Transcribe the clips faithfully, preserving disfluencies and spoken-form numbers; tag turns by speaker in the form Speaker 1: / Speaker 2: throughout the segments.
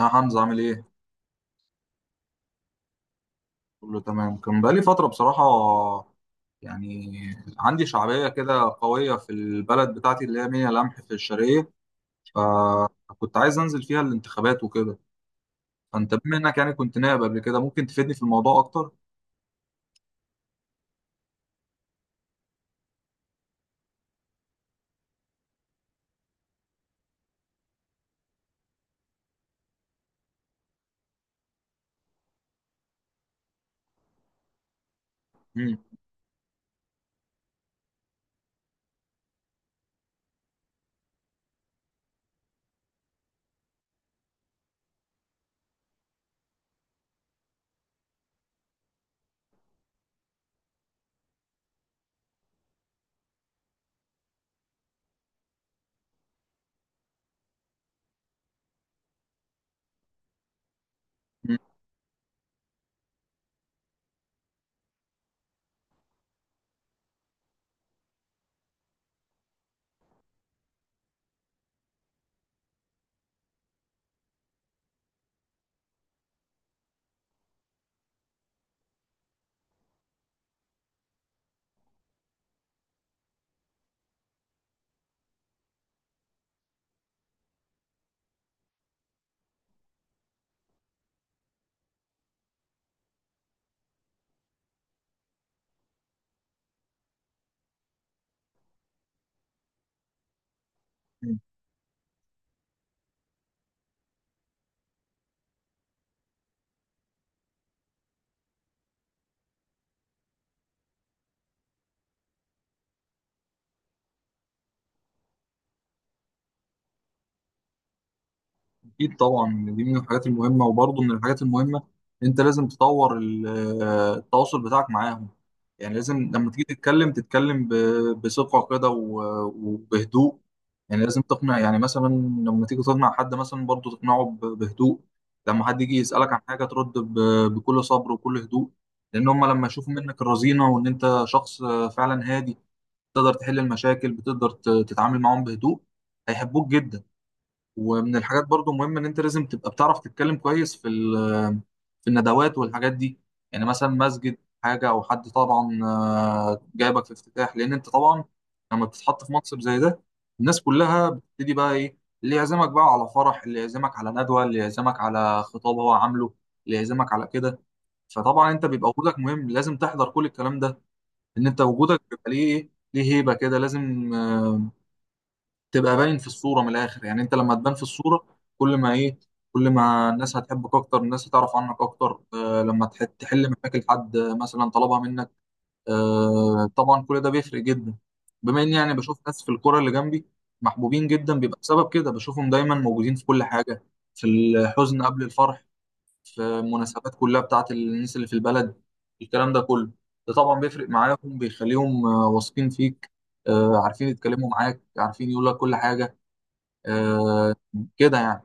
Speaker 1: يا حمزة عامل ايه؟ كله تمام، كان بقالي فترة بصراحة، يعني عندي شعبية كده قوية في البلد بتاعتي اللي هي ميا لمح في الشرقية، فكنت عايز انزل فيها الانتخابات وكده. فانت بما انك يعني كنت نائب قبل كده، ممكن تفيدني في الموضوع اكتر؟ مم. مم. اكيد طبعا، دي من الحاجات المهمه. وبرضه من الحاجات المهمه، انت لازم تطور ال- آه، التواصل بتاعك معاهم. يعني لازم لما تيجي تتكلم، تتكلم ب- بثقه كده و- وبهدوء. يعني لازم تقنع، يعني مثلا لما تيجي تقنع حد مثلا، برضه تقنعه ب- بهدوء. لما حد يجي يسالك عن حاجه، ترد ب- بكل صبر وكل هدوء، لان هم لما يشوفوا منك الرزينه وان انت شخص فعلا هادي، تقدر تحل المشاكل، بتقدر ت- تتعامل معاهم بهدوء، هيحبوك جدا. ومن الحاجات برضو مهمة ان انت لازم تبقى بتعرف تتكلم كويس في ال- في الندوات والحاجات دي. يعني مثلا مسجد، حاجة، او حد طبعا آه، جايبك في افتتاح، لان انت طبعا لما بتتحط في منصب زي ده، الناس كلها بتبتدي بقى ايه، اللي يعزمك بقى على فرح، اللي يعزمك على ندوة، اللي يعزمك على خطاب هو عامله، اللي يعزمك على كده. فطبعا انت بيبقى وجودك مهم، لازم تحضر كل الكلام ده، ان انت وجودك بيبقى ليه ايه، ليه هيبة كده. لازم تبقى باين في الصورة، من الآخر يعني، أنت لما تبان في الصورة، كل ما إيه، كل ما الناس هتحبك أكتر، الناس هتعرف عنك أكتر. آه، لما تح- تحل مشاكل حد آه، مثلا طلبها منك. آه طبعا، كل ده بيفرق جدا. بما إني يعني بشوف ناس في الكرة اللي جنبي محبوبين جدا، بيبقى بسبب كده، بشوفهم دايما موجودين في كل حاجة، في الحزن قبل الفرح، في المناسبات كلها بتاعت الناس اللي في البلد، الكلام ده كله، ده طبعا بيفرق معاهم، بيخليهم آه، واثقين فيك، آه، عارفين يتكلموا معاك، عارفين يقول لك كل حاجة. آه، كده يعني.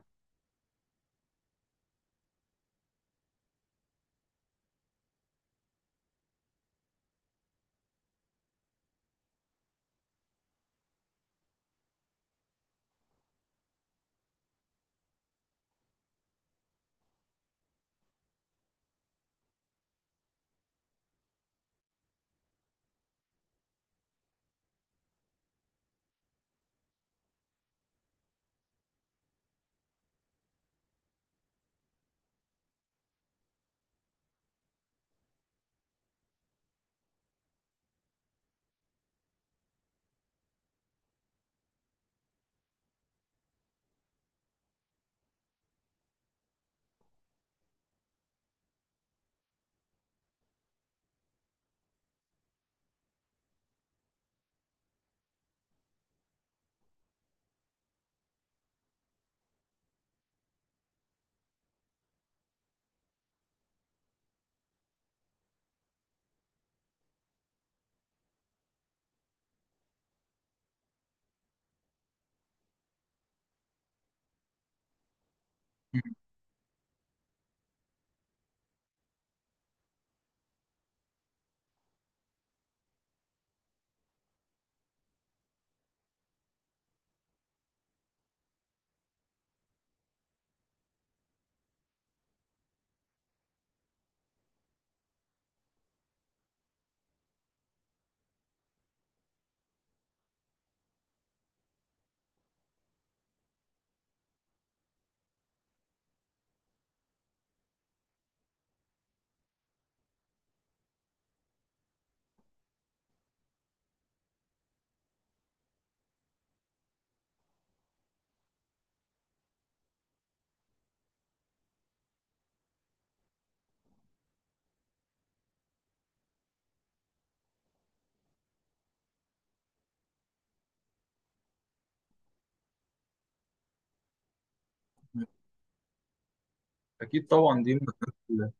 Speaker 1: اكيد طبعا، دي من الحاجات.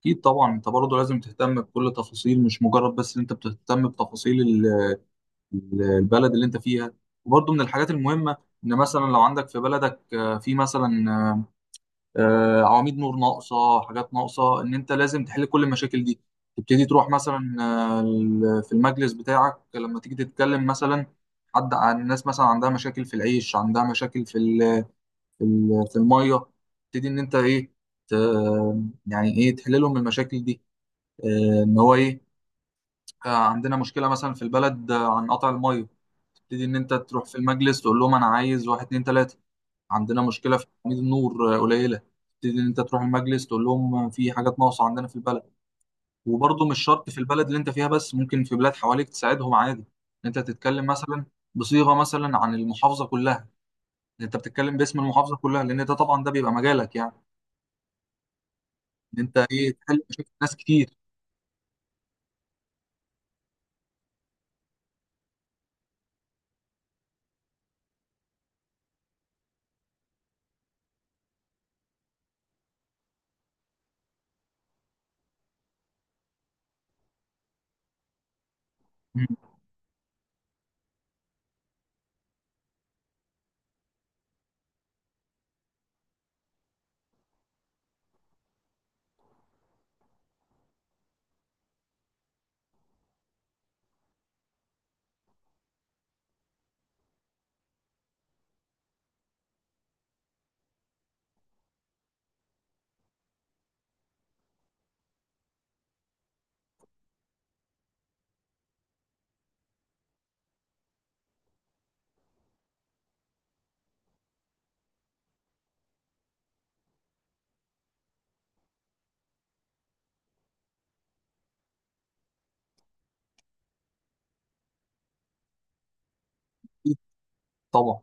Speaker 1: اكيد طبعا انت برضه لازم تهتم بكل تفاصيل، مش مجرد بس ان انت بتهتم بتفاصيل ال- ال- البلد اللي انت فيها. وبرضه من الحاجات المهمه، ان مثلا لو عندك في بلدك آه، في مثلا آه، آه، عواميد نور ناقصه، حاجات ناقصه، ان انت لازم تحل كل المشاكل دي. تبتدي تروح مثلا آه، ال- في المجلس بتاعك، لما تيجي تتكلم مثلا حد عن الناس مثلا عندها مشاكل في العيش، عندها مشاكل في ال في ال- في الميه، تبتدي ان انت ايه، ت- يعني ايه، تحل لهم المشاكل دي. آه، ان هو ايه، آه، عندنا مشكله مثلا في البلد آه، عن قطع الميه، تبتدي ان انت تروح في المجلس تقول لهم انا عايز واحد اتنين تلاته. عندنا مشكله في تأمين النور آه، قليله، تبتدي ان انت تروح المجلس تقول لهم في حاجات ناقصه عندنا في البلد. وبرضه مش شرط في البلد اللي انت فيها بس، ممكن في بلاد حواليك تساعدهم عادي، ان انت تتكلم مثلا بصيغه مثلا عن المحافظه كلها، إن انت بتتكلم باسم المحافظه كلها، لان ده طبعا ده بيبقى مجالك يعني، ان انت ايه تحل مشاكل ناس كتير. مم. اكيد طبعا.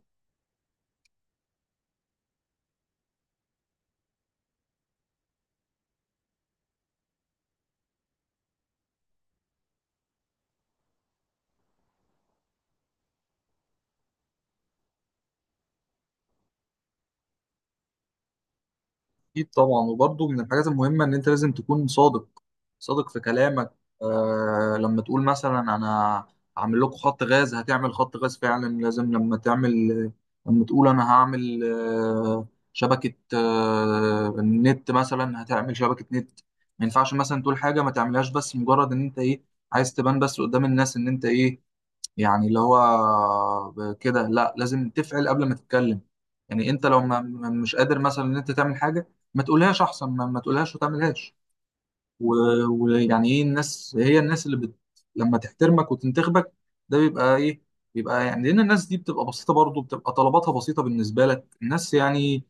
Speaker 1: اكيد طبعا، وبرضه من الحاجات المهمه ان انت لازم تكون صادق، صادق في كلامك. آه، لما تقول مثلا انا هعمل لكم خط غاز، هتعمل خط غاز فعلا. لازم لما تعمل، لما تقول انا هعمل آه شبكه آه النت مثلا، هتعمل شبكه نت. ما ينفعش مثلا تقول حاجه ما تعملهاش، بس مجرد ان انت ايه عايز تبان بس قدام الناس ان انت ايه، يعني اللي هو كده. لا، لازم تفعل قبل ما تتكلم. يعني انت لو ما ما- مش قادر مثلا ان انت تعمل حاجه، ما تقولهاش، احسن ما, ما تقولهاش وتعملهاش. و- ويعني ايه، الناس، هي الناس اللي بت لما تحترمك وتنتخبك، ده بيبقى ايه، بيبقى يعني لان الناس دي بتبقى بسيطه، برضه بتبقى طلباتها بسيطه بالنسبه لك، الناس يعني.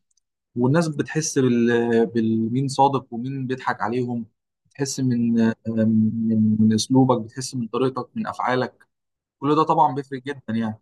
Speaker 1: والناس بتحس بال... بالمين صادق ومين بيضحك عليهم، بتحس من من من اسلوبك، بتحس من طريقتك، من افعالك، كل ده طبعا بيفرق جدا يعني.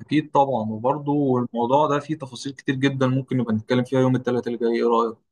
Speaker 1: اكيد طبعا، وبرضه الموضوع ده فيه تفاصيل كتير جدا، ممكن نبقى نتكلم فيها يوم الثلاثاء اللي جاي، ايه رايك؟